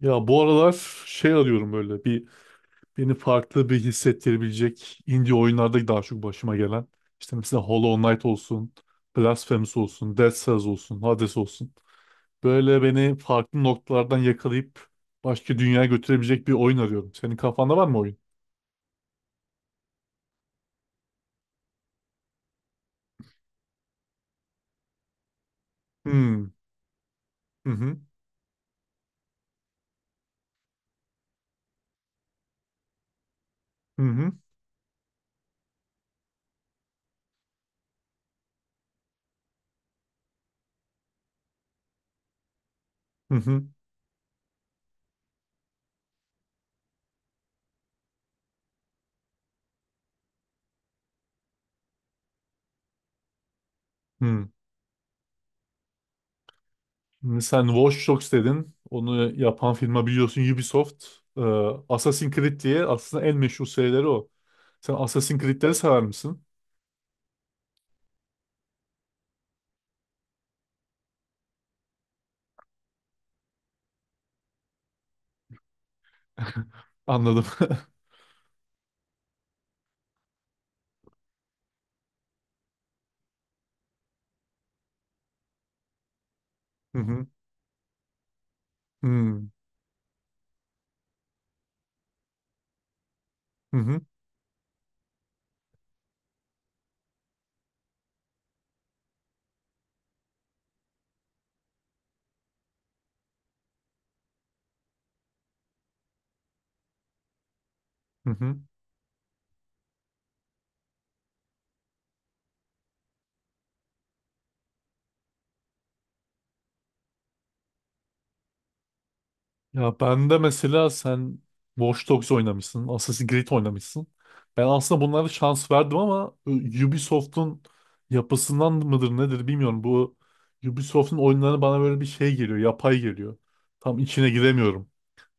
Ya bu aralar şey arıyorum, böyle bir beni farklı bir hissettirebilecek, indie oyunlarda daha çok başıma gelen. İşte mesela Hollow Knight olsun, Blasphemous olsun, Dead Cells olsun, Hades olsun. Böyle beni farklı noktalardan yakalayıp başka dünyaya götürebilecek bir oyun arıyorum. Senin kafanda var mı oyun? Hmm. Hı hı. Hı hı. Hı hı. Hı. Şimdi sen Watch Dogs dedin. Onu yapan firma biliyorsun Ubisoft. Ee, Assassin's Creed diye aslında en meşhur serileri o. Sen Assassin's Creed'leri sever misin? Anladım. Hı hı. Hmm. Hı hı. Hı hı. Ya ben de mesela sen Watch Dogs oynamışsın, Assassin's Creed oynamışsın. Ben aslında bunlara şans verdim ama Ubisoft'un yapısından mıdır nedir bilmiyorum. Bu Ubisoft'un oyunları bana böyle bir şey geliyor, yapay geliyor. Tam içine giremiyorum.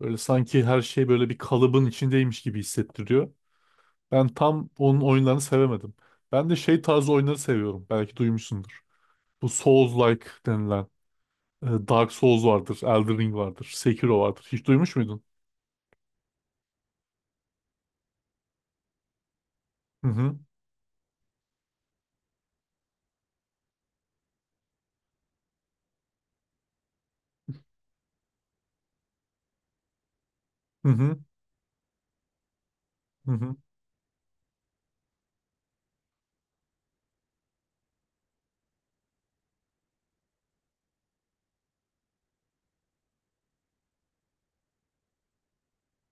Böyle sanki her şey böyle bir kalıbın içindeymiş gibi hissettiriyor. Ben tam onun oyunlarını sevemedim. Ben de şey tarzı oyunları seviyorum. Belki duymuşsundur. Bu Souls-like denilen. Dark Souls vardır, Elden Ring vardır, Sekiro vardır. Hiç duymuş muydun? Hı hı. Hı hı. Hı hı.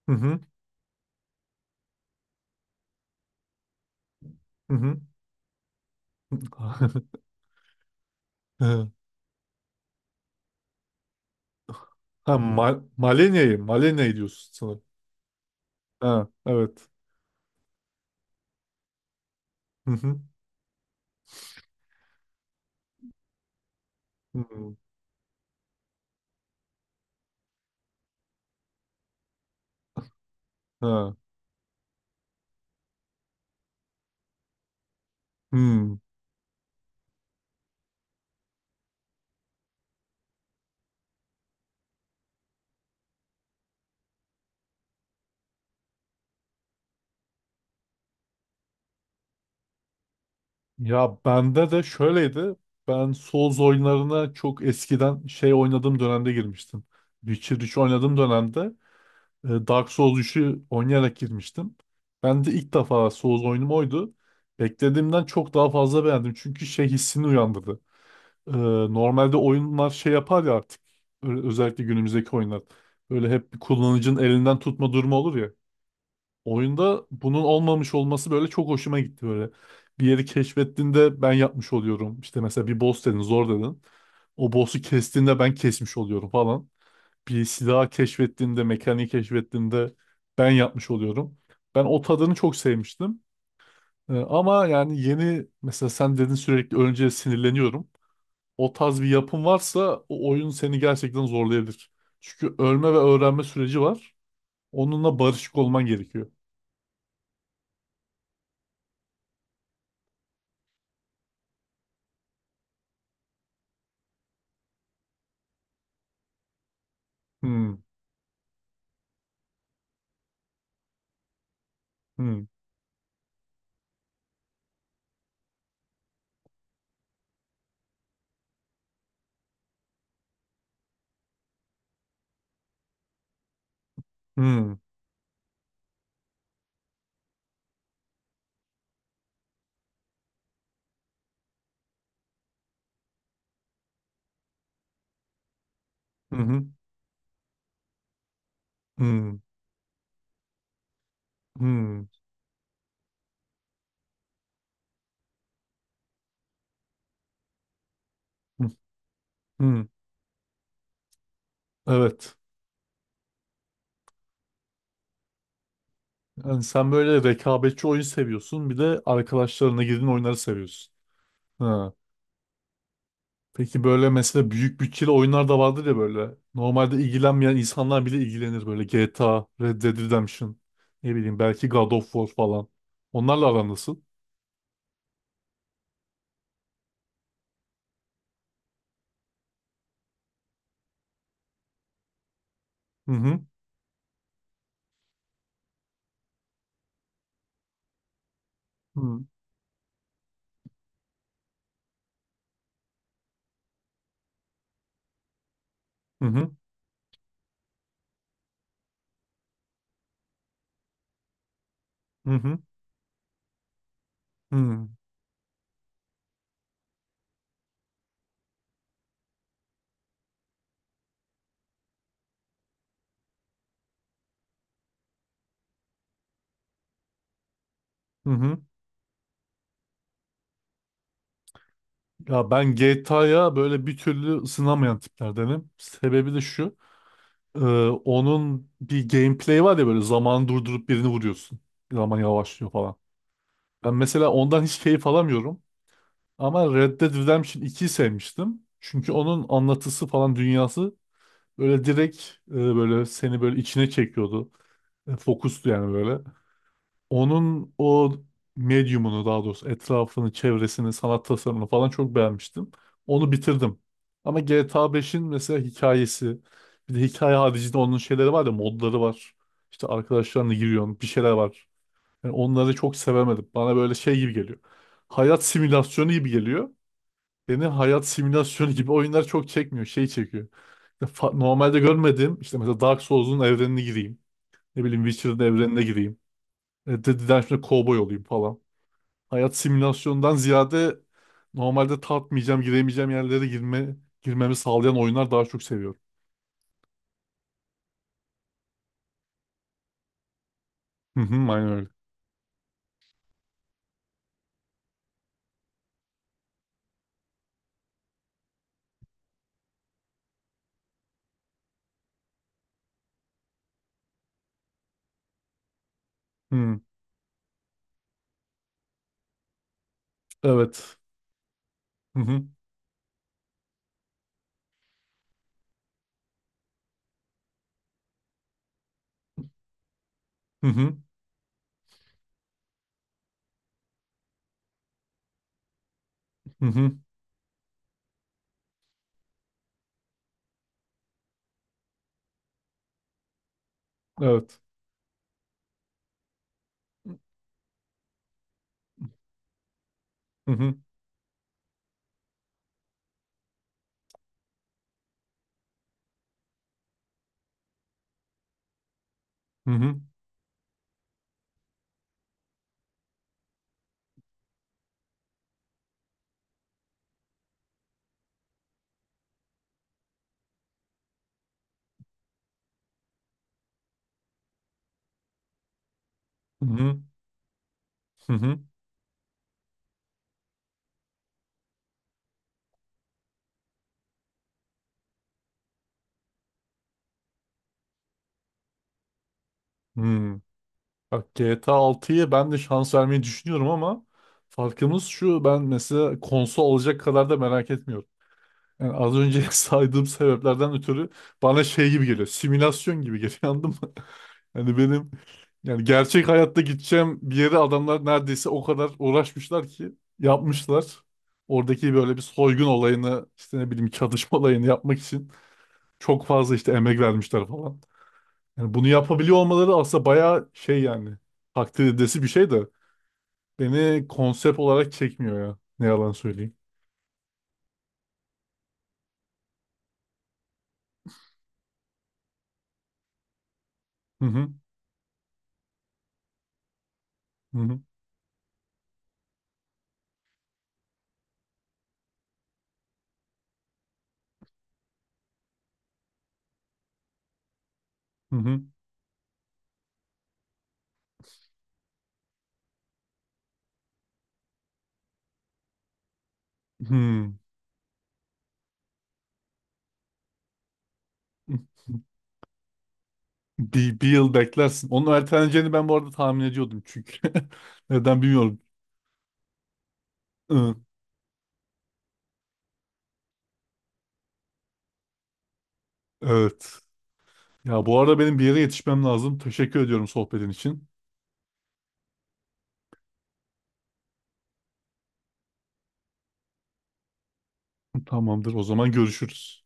Hı hı. Hı hı. Ha, ha, Malenya'yı, Malenya'yı diyorsun sanırım. Ha, evet. Hı hı. Hı hı. Ha. Hmm. Ya bende de şöyleydi. Ben Souls oyunlarına çok eskiden şey oynadığım dönemde girmiştim. Witcher 3 oynadığım dönemde Dark Souls 3'ü oynayarak girmiştim. Ben de ilk defa Souls oyunum oydu. Beklediğimden çok daha fazla beğendim. Çünkü şey hissini uyandırdı. E, normalde oyunlar şey yapar ya artık. Özellikle günümüzdeki oyunlar. Böyle hep bir kullanıcının elinden tutma durumu olur ya. Oyunda bunun olmamış olması böyle çok hoşuma gitti böyle. Bir yeri keşfettiğinde ben yapmış oluyorum. İşte mesela bir boss dedin, zor dedin. O boss'u kestiğinde ben kesmiş oluyorum falan, bir silah keşfettiğinde, mekaniği keşfettiğinde ben yapmış oluyorum. Ben o tadını çok sevmiştim. Ama yani yeni mesela sen dedin sürekli önce sinirleniyorum. O tarz bir yapım varsa o oyun seni gerçekten zorlayabilir. Çünkü ölme ve öğrenme süreci var. Onunla barışık olman gerekiyor. Hmm. Hmm. Hmm. Hı hı. Hmm. Hmm. Hı. Hı. Evet. Yani sen böyle rekabetçi oyun seviyorsun. Bir de arkadaşlarına girdiğin oyunları seviyorsun. Ha. Peki böyle mesela büyük bütçeli oyunlar da vardır ya böyle. Normalde ilgilenmeyen insanlar bile ilgilenir böyle. GTA, Red Dead Redemption, ne bileyim belki God of War falan. Onlarla aran nasıl? Hı hı. Hı hı. Hı hı. Hı hı. Hı. Ya ben GTA'ya böyle bir türlü ısınamayan tiplerdenim. Sebebi de şu. e, onun bir gameplay var ya, böyle zamanı durdurup birini vuruyorsun. Zaman yavaşlıyor falan. Ben mesela ondan hiç keyif alamıyorum. Ama Red Dead Redemption 2'yi sevmiştim. Çünkü onun anlatısı falan dünyası böyle direkt, böyle seni böyle içine çekiyordu. Fokustu yani böyle. Onun o medyumunu daha doğrusu etrafını, çevresini, sanat tasarımını falan çok beğenmiştim. Onu bitirdim. Ama GTA 5'in mesela hikayesi, bir de hikaye haricinde onun şeyleri var ya, modları var. İşte arkadaşlarına giriyorsun, bir şeyler var. Yani onları çok sevemedim. Bana böyle şey gibi geliyor. Hayat simülasyonu gibi geliyor. Beni hayat simülasyonu gibi oyunlar çok çekmiyor. Şey çekiyor. İşte normalde görmedim. İşte mesela Dark Souls'un evrenine gireyim. Ne bileyim Witcher'ın evrenine gireyim. Dead şimdi kovboy olayım falan. Hayat simülasyondan ziyade normalde tatmayacağım, giremeyeceğim yerlere girme, girmemi sağlayan oyunlar daha çok seviyorum. Hı hı, aynen öyle. Hı, evet. Hı hı. Hı hı. Hı hı. Evet. Hı hı. Hı hı. Hı hı. Hı hı. Hı. Bak GTA 6'yı ben de şans vermeyi düşünüyorum ama farkımız şu, ben mesela konsol alacak kadar da merak etmiyorum. Yani az önce saydığım sebeplerden ötürü bana şey gibi geliyor. Simülasyon gibi geliyor, anladın mı? Yani benim, yani gerçek hayatta gideceğim bir yere adamlar neredeyse o kadar uğraşmışlar ki yapmışlar. Oradaki böyle bir soygun olayını işte ne bileyim çatışma olayını yapmak için çok fazla işte emek vermişler falan. Yani bunu yapabiliyor olmaları aslında bayağı şey yani, takdir edilesi bir şey de. Beni konsept olarak çekmiyor ya. Ne yalan söyleyeyim. Hı hı. Hı hı. Hı hı. Hı. Bir yıl beklersin. Onun erteleneceğini ben bu arada tahmin ediyordum çünkü. Neden bilmiyorum. Hı, evet. Ya bu arada benim bir yere yetişmem lazım. Teşekkür ediyorum sohbetin için. Tamamdır. O zaman görüşürüz.